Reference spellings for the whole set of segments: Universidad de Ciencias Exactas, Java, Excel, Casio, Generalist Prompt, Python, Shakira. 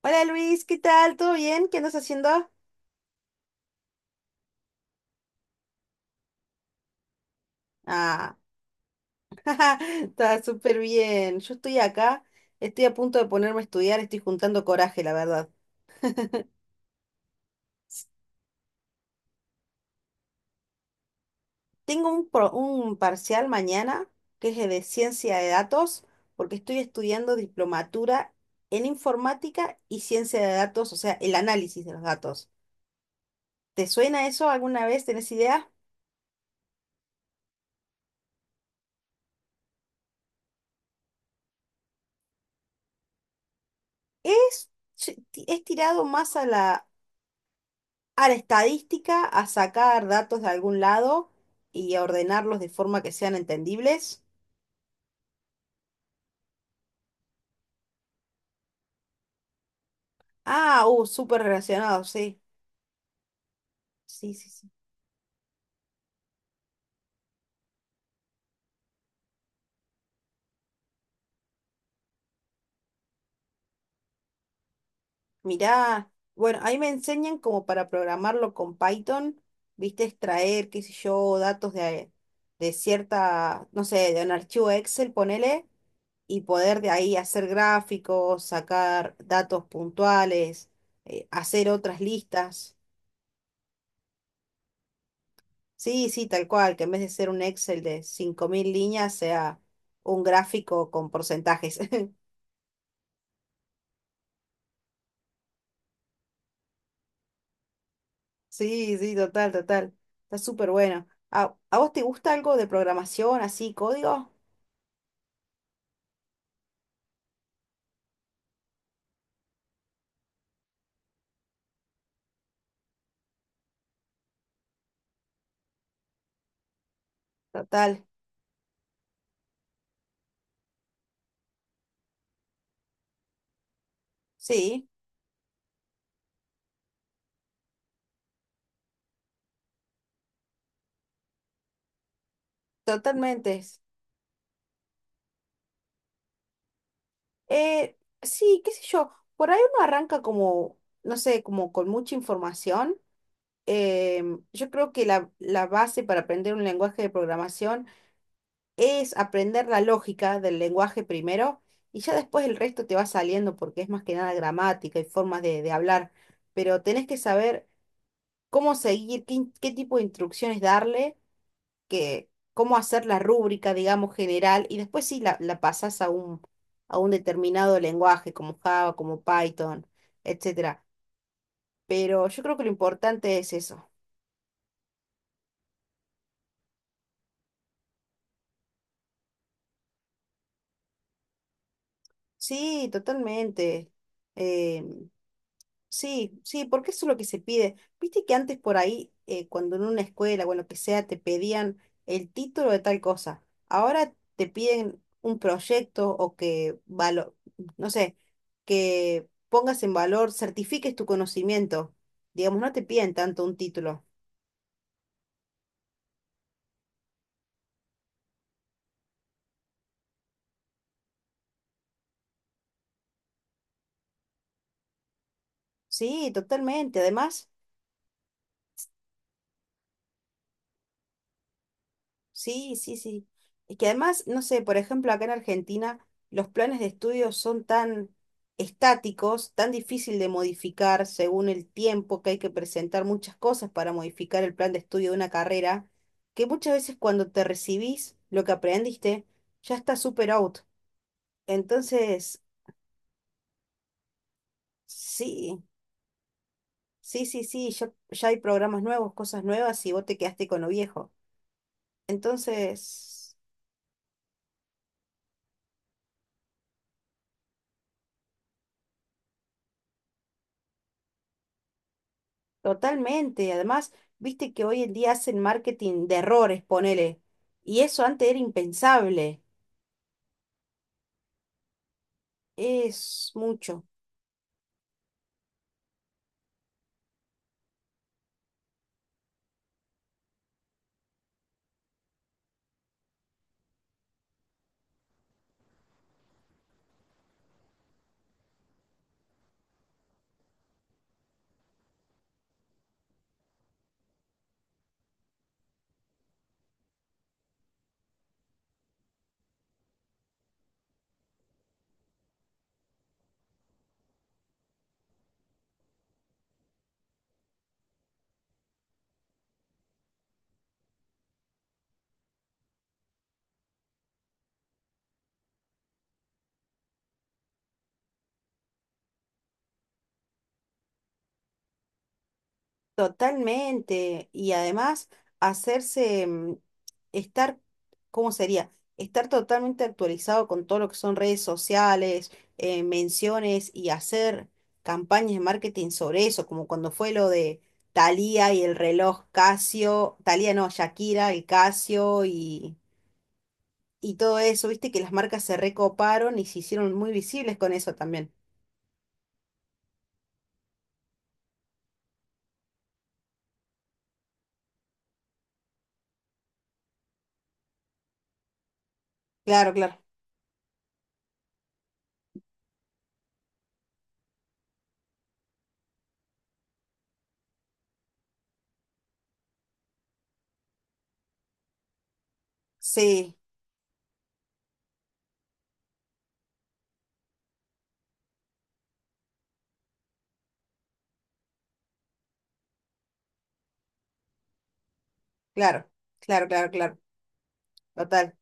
Hola Luis, ¿qué tal? ¿Todo bien? ¿Qué andas haciendo? Ah, está súper bien. Yo estoy acá, estoy a punto de ponerme a estudiar, estoy juntando coraje, la verdad. Tengo un parcial mañana que es de ciencia de datos, porque estoy estudiando diplomatura en informática y ciencia de datos, o sea, el análisis de los datos. ¿Te suena eso alguna vez? ¿Tenés idea? Es, es tirado más a la estadística, a sacar datos de algún lado y a ordenarlos de forma que sean entendibles. Ah, súper relacionado, sí. Sí, sí, sí. Mirá, bueno, ahí me enseñan como para programarlo con Python, viste, extraer, qué sé yo, datos de cierta, no sé, de un archivo Excel, ponele, y poder de ahí hacer gráficos, sacar datos puntuales, hacer otras listas. Sí, sí, tal cual, que en vez de ser un Excel de 5.000 líneas sea un gráfico con porcentajes. Sí, sí, total, total. Está súper bueno. A vos te gusta algo de programación, así, código? Total, sí, totalmente. Sí, qué sé yo, por ahí uno arranca como, no sé, como con mucha información. Yo creo que la base para aprender un lenguaje de programación es aprender la lógica del lenguaje primero y ya después el resto te va saliendo porque es más que nada gramática y formas de hablar, pero tenés que saber cómo seguir, qué tipo de instrucciones darle, que, cómo hacer la rúbrica, digamos, general y después sí la pasás a un determinado lenguaje como Java, como Python, etcétera. Pero yo creo que lo importante es eso. Sí, totalmente. Eh, Sí, sí, porque eso es lo que se pide. Viste que antes por ahí, cuando en una escuela o en lo que sea, te pedían el título de tal cosa. Ahora te piden un proyecto o no sé, que pongas en valor, certifiques tu conocimiento. Digamos, no te piden tanto un título. Sí, totalmente. Además... Sí, sí, sí. Y que además, no sé, por ejemplo, acá en Argentina los planes de estudio son tan estáticos, tan difícil de modificar según el tiempo que hay que presentar muchas cosas para modificar el plan de estudio de una carrera, que muchas veces cuando te recibís lo que aprendiste ya está super out. Entonces, sí, sí, sí, sí, ya hay programas nuevos, cosas nuevas y vos te quedaste con lo viejo. Entonces... Totalmente. Además, viste que hoy en día hacen marketing de errores, ponele. Y eso antes era impensable. Es mucho. Totalmente. Y además, hacerse, estar, ¿cómo sería? Estar totalmente actualizado con todo lo que son redes sociales, menciones y hacer campañas de marketing sobre eso, como cuando fue lo de Thalía y el reloj Casio, Thalía no, Shakira, el Casio y todo eso, viste que las marcas se recoparon y se hicieron muy visibles con eso también. Claro, claro. Sí, claro, claro, claro, claro. Total.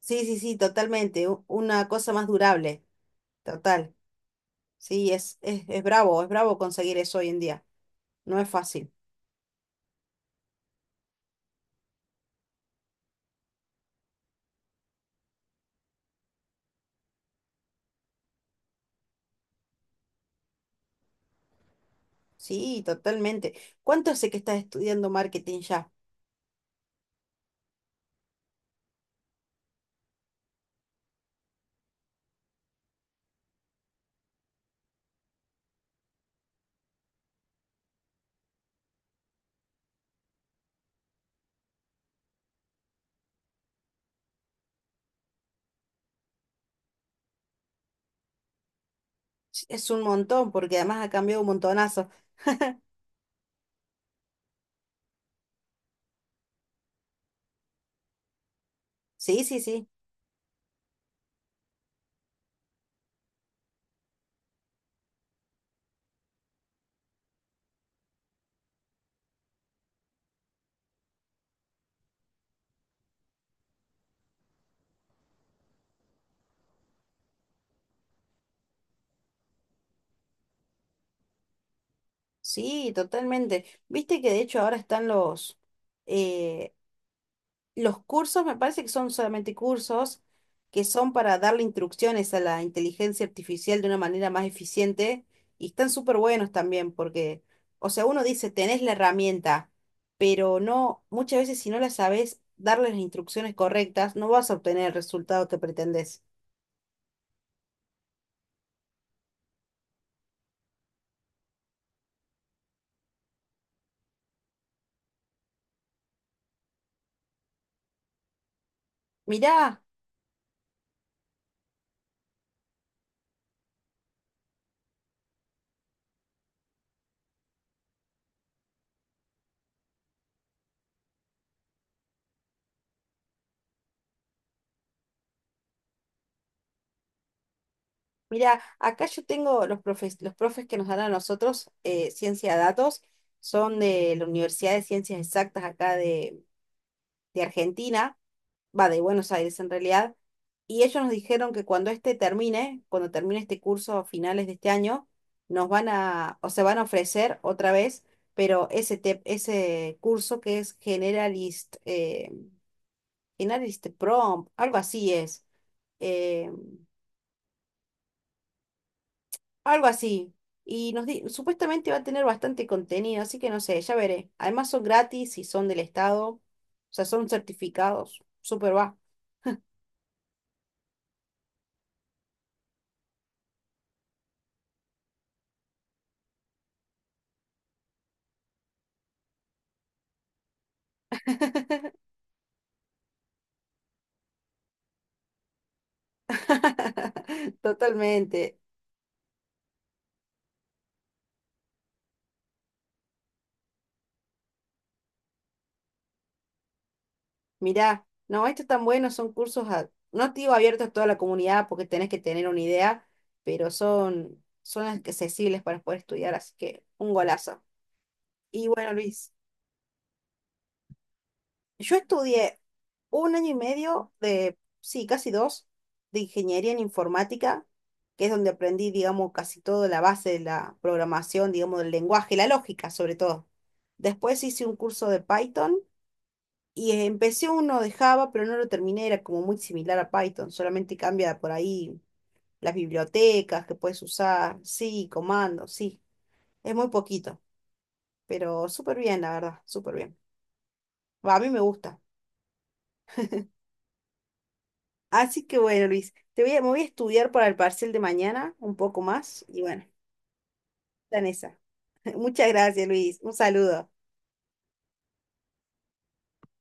Sí, sí, sí, totalmente. Una cosa más durable. Total. Sí, es bravo, es bravo conseguir eso hoy en día. No es fácil. Sí, totalmente. ¿Cuánto hace que estás estudiando marketing ya? Ch- Es un montón, porque además ha cambiado un montonazo. Sí, sí, sí. Sí, totalmente. Viste que de hecho ahora están eh, los cursos, me parece que son solamente cursos que son para darle instrucciones a la inteligencia artificial de una manera más eficiente y están súper buenos también porque, o sea, uno dice, tenés la herramienta, pero no, muchas veces si no la sabes darle las instrucciones correctas, no vas a obtener el resultado que pretendés. Mirá, mirá, acá yo tengo los profes que nos dan a nosotros, ciencia de datos, son de la Universidad de Ciencias Exactas acá de Argentina, va, de Buenos Aires en realidad, y ellos nos dijeron que cuando este termine, cuando termine este curso a finales de este año, nos van a, o se van a ofrecer otra vez, pero ese curso que es Generalist, Generalist Prompt, algo así es, eh, algo así. Y supuestamente va a tener bastante contenido, así que no sé, ya veré. Además son gratis y son del Estado, o sea, son certificados, súper va. Totalmente. Mirá, no, esto es tan bueno, son cursos, no te digo abiertos a toda la comunidad porque tenés que tener una idea, pero son, son accesibles para poder estudiar, así que un golazo. Y bueno, Luis, yo estudié un año y medio de, sí, casi dos, de ingeniería en informática, que es donde aprendí, digamos, casi toda la base de la programación, digamos, del lenguaje, la lógica sobre todo. Después hice un curso de Python y empecé uno de Java, pero no lo terminé, era como muy similar a Python, solamente cambia por ahí las bibliotecas que puedes usar, sí, comandos, sí, es muy poquito, pero súper bien, la verdad, súper bien. Va, a mí me gusta. Así que bueno, Luis, me voy a estudiar para el parcial de mañana un poco más y bueno, está en esa. Muchas gracias, Luis, un saludo.